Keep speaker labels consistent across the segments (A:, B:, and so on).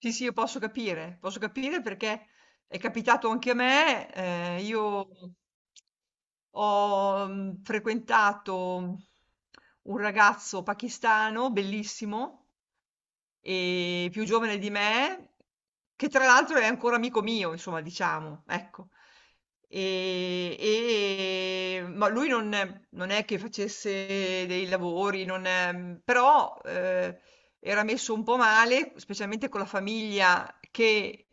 A: Sì, sì, io posso capire perché è capitato anche a me, io ho, frequentato un ragazzo pakistano bellissimo, più giovane di me, che tra l'altro è ancora amico mio, insomma, diciamo, ecco. E ma lui non è che facesse dei lavori, non è- però, era messo un po' male, specialmente con la famiglia che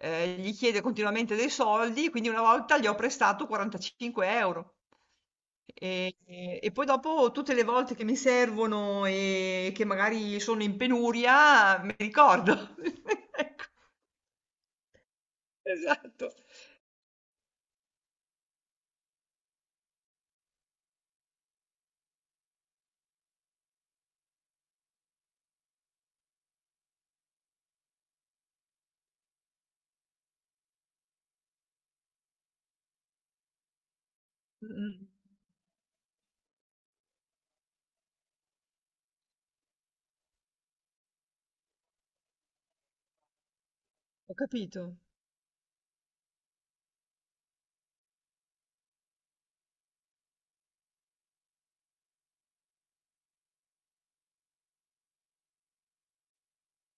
A: Ehm, gli chiede continuamente dei soldi, quindi una volta gli ho prestato 45 €. E e poi dopo tutte le volte che mi servono e che magari sono in penuria, me li ricordo. Ecco, esatto. Mh-mh. Ho capito.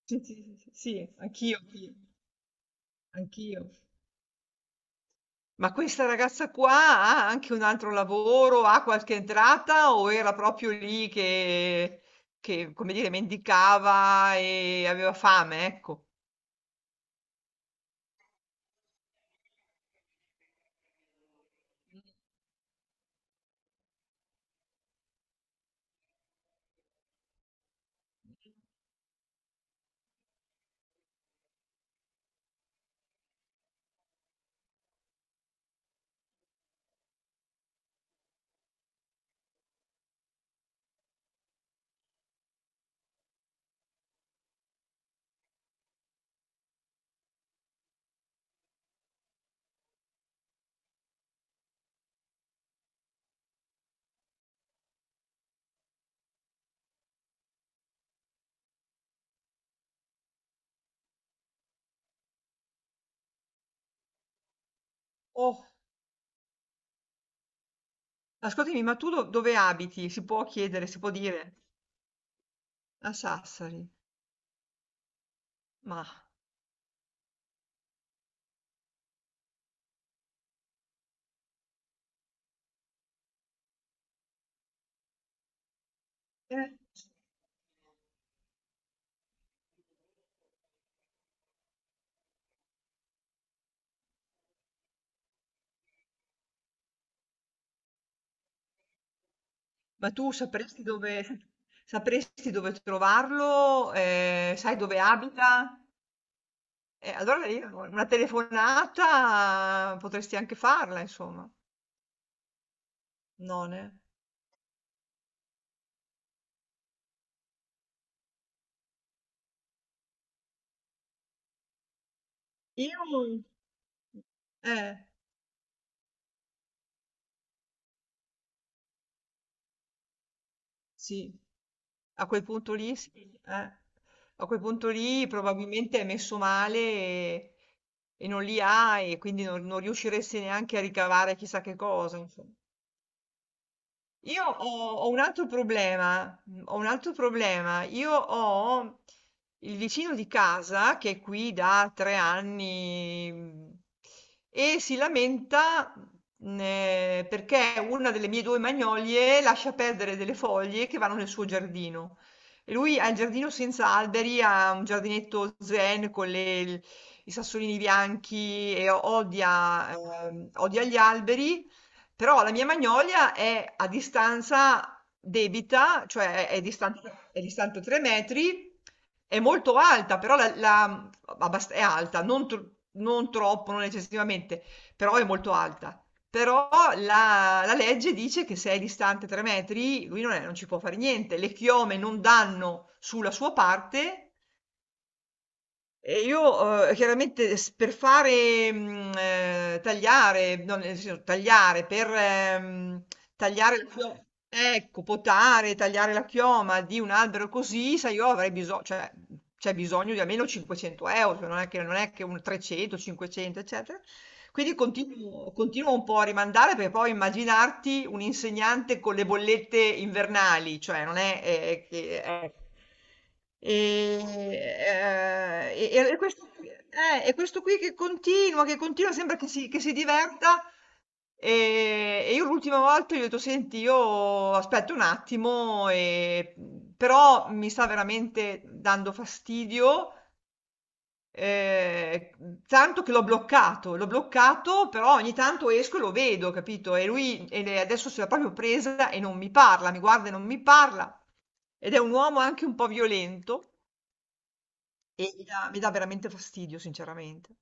A: Sì, sì, sì, sì, anch'io. Ma questa ragazza qua ha anche un altro lavoro, ha qualche entrata o era proprio lì che, come dire, mendicava e aveva fame, ecco. Oh, ascoltami, ma tu dove abiti? Si può chiedere, si può dire? A Sassari. Ma, eh, ma tu sapresti dove trovarlo? Sai dove abita? Allora io una telefonata potresti anche farla, insomma. Non. Io eh, sì, a quel punto lì sì, eh. A quel punto lì probabilmente è messo male e non li ha e quindi non riusciresti neanche a ricavare chissà che cosa, insomma. Ho un altro problema, ho un altro problema. Io ho il vicino di casa che è qui da 3 anni, e si lamenta, perché una delle mie due magnolie lascia perdere delle foglie che vanno nel suo giardino. E lui ha il giardino senza alberi, ha un giardinetto zen con i sassolini bianchi e odia, odia gli alberi. Però la mia magnolia è a distanza debita, cioè è distante 3 metri, è molto alta, però è alta, non troppo, non eccessivamente, però è molto alta. Però la, la legge dice che se è distante 3 metri, lui non ci può fare niente. Le chiome non danno sulla sua parte e io, chiaramente s per fare, tagliare, no, nel senso tagliare, per, mhmm, tagliare la chio ecco, potare, tagliare la chioma di un albero così, sai, io avrei biso cioè, c'è bisogno di almeno 500 euro, cioè non è che un 300, 500, eccetera. Quindi continuo un po' a rimandare, perché poi immaginarti un insegnante con le bollette invernali, cioè non è che eh. E questo qui questo qui che continua, sembra che si diverta, ehm, e io l'ultima volta gli ho detto: "Senti, io aspetto un attimo, però mi sta veramente dando fastidio". Mhmm, Tanto che l'ho bloccato, però ogni tanto esco e lo vedo, capito, e lui e le adesso se l'è proprio presa e non mi parla, mi guarda e non mi parla. Ed è un uomo anche un po' violento e mi dà veramente fastidio, sinceramente.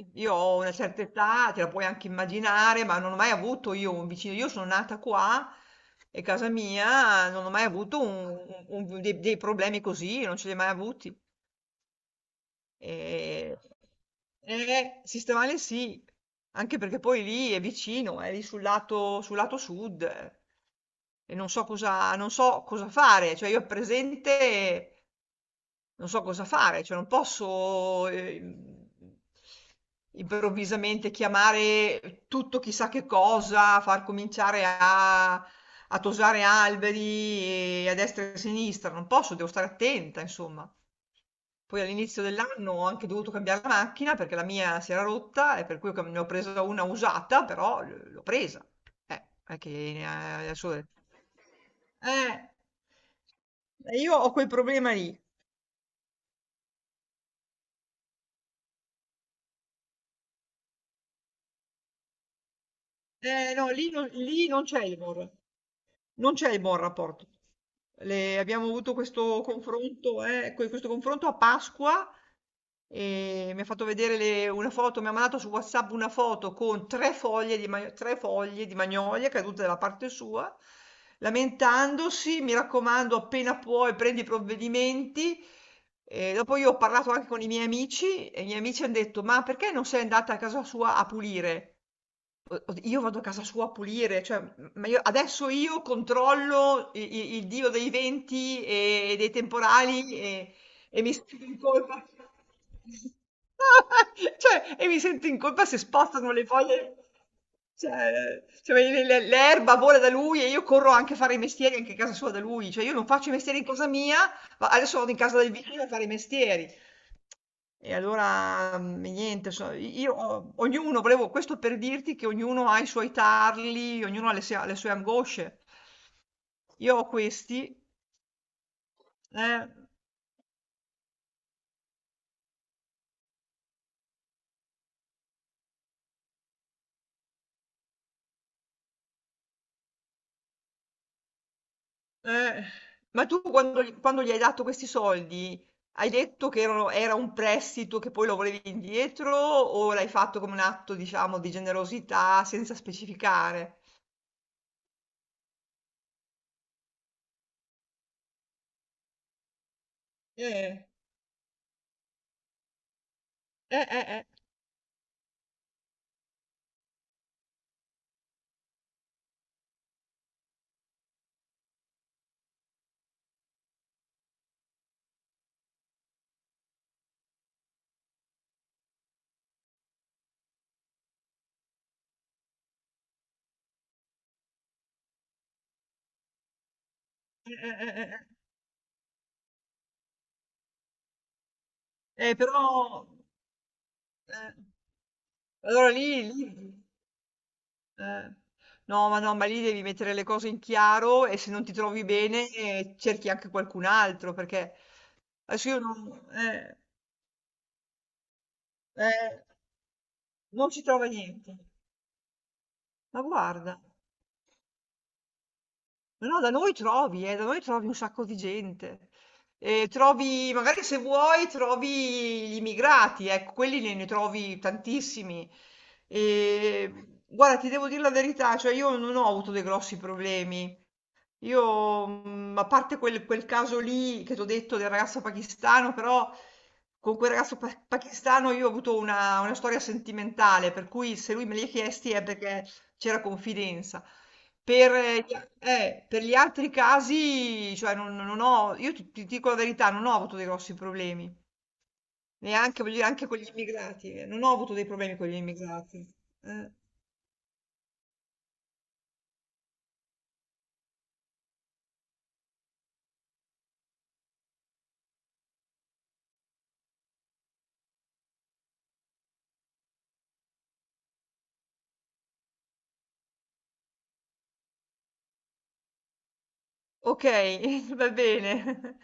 A: I Io ho una certa età, te la puoi anche immaginare, ma non ho mai avuto io un vicino, io sono nata qua, è casa mia, non ho mai avuto un dei dei problemi così, non ce li ho mai avuti. E... sistemale sì, anche perché poi lì è vicino, è lì sul lato sud e non so cosa fare, cioè io a presente non so cosa fare, cioè non posso improvvisamente chiamare tutto chissà che cosa, far cominciare a, a tosare alberi e a destra e a sinistra, non posso, devo stare attenta, insomma. Poi all'inizio dell'anno ho anche dovuto cambiare la macchina perché la mia si era rotta e per cui co ne ho presa una usata, però l'ho presa. Non è che ne ha adesso eh. E io ho quel problema lì. Eh no, lì non c'è il buon ra non c'è il buon rapporto. Abbiamo avuto questo confronto, questo confronto a Pasqua e mi ha fatto vedere una foto, mi ha mandato su WhatsApp una foto con 3 foglie di magnolia cadute dalla parte sua, lamentandosi, mi raccomando, appena puoi prendi i provvedimenti. E dopo io ho parlato anche con i miei amici e i miei amici hanno detto, ma perché non sei andata a casa sua a pulire? Io vado a casa sua a pulire, cioè, ma io, adesso io controllo il, dio dei venti e dei temporali e mi sento in colpa. Cioè, e mi sento in colpa se spostano le foglie. Cioè, cioè, l'erba vola da lui e io corro anche a fare i mestieri anche a casa sua da lui. Cioè, io non faccio i mestieri in casa mia, ma adesso vado in casa del vicino a fare i mestieri. E allora, niente, so io ho ognuno volevo questo per dirti che ognuno ha i suoi tarli, ognuno ha le sue angosce. Io ho questi eh, eh. Ma tu quando gl quando gli hai dato questi soldi, hai detto che era un prestito che poi lo volevi indietro o l'hai fatto come un atto, diciamo, di generosità senza specificare? Eh, eh, eh, eh, eh. Però eh, allora lì eh. No, ma lì devi mettere le cose in chiaro e se non ti trovi bene cerchi anche qualcun altro perché adesso io non, eh, non ci trova niente. Ma guarda, ma no, da noi trovi un sacco di gente. E trovi, magari se vuoi, trovi gli immigrati, ecco, quelli ne, ne trovi tantissimi. E guarda, ti devo dire la verità, cioè io non ho avuto dei grossi problemi. Io, a parte quel caso lì che t'ho detto del ragazzo pakistano, però con quel ragazzo pa pakistano io ho avuto una storia sentimentale, per cui se lui me li ha chiesti è perché c'era confidenza. Per gli altri casi, cioè non non ho io ti ti dico la verità, non ho avuto dei grossi problemi, neanche voglio dire anche con gli immigrati, non ho avuto dei problemi con gli immigrati. Eh. Okay, va bene.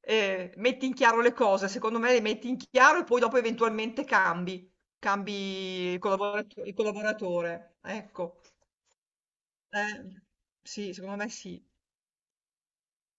A: Metti in chiaro le cose, secondo me le metti in chiaro e poi dopo eventualmente cambi, cambi il collaboratore, ecco. Eh, sì, secondo me sì.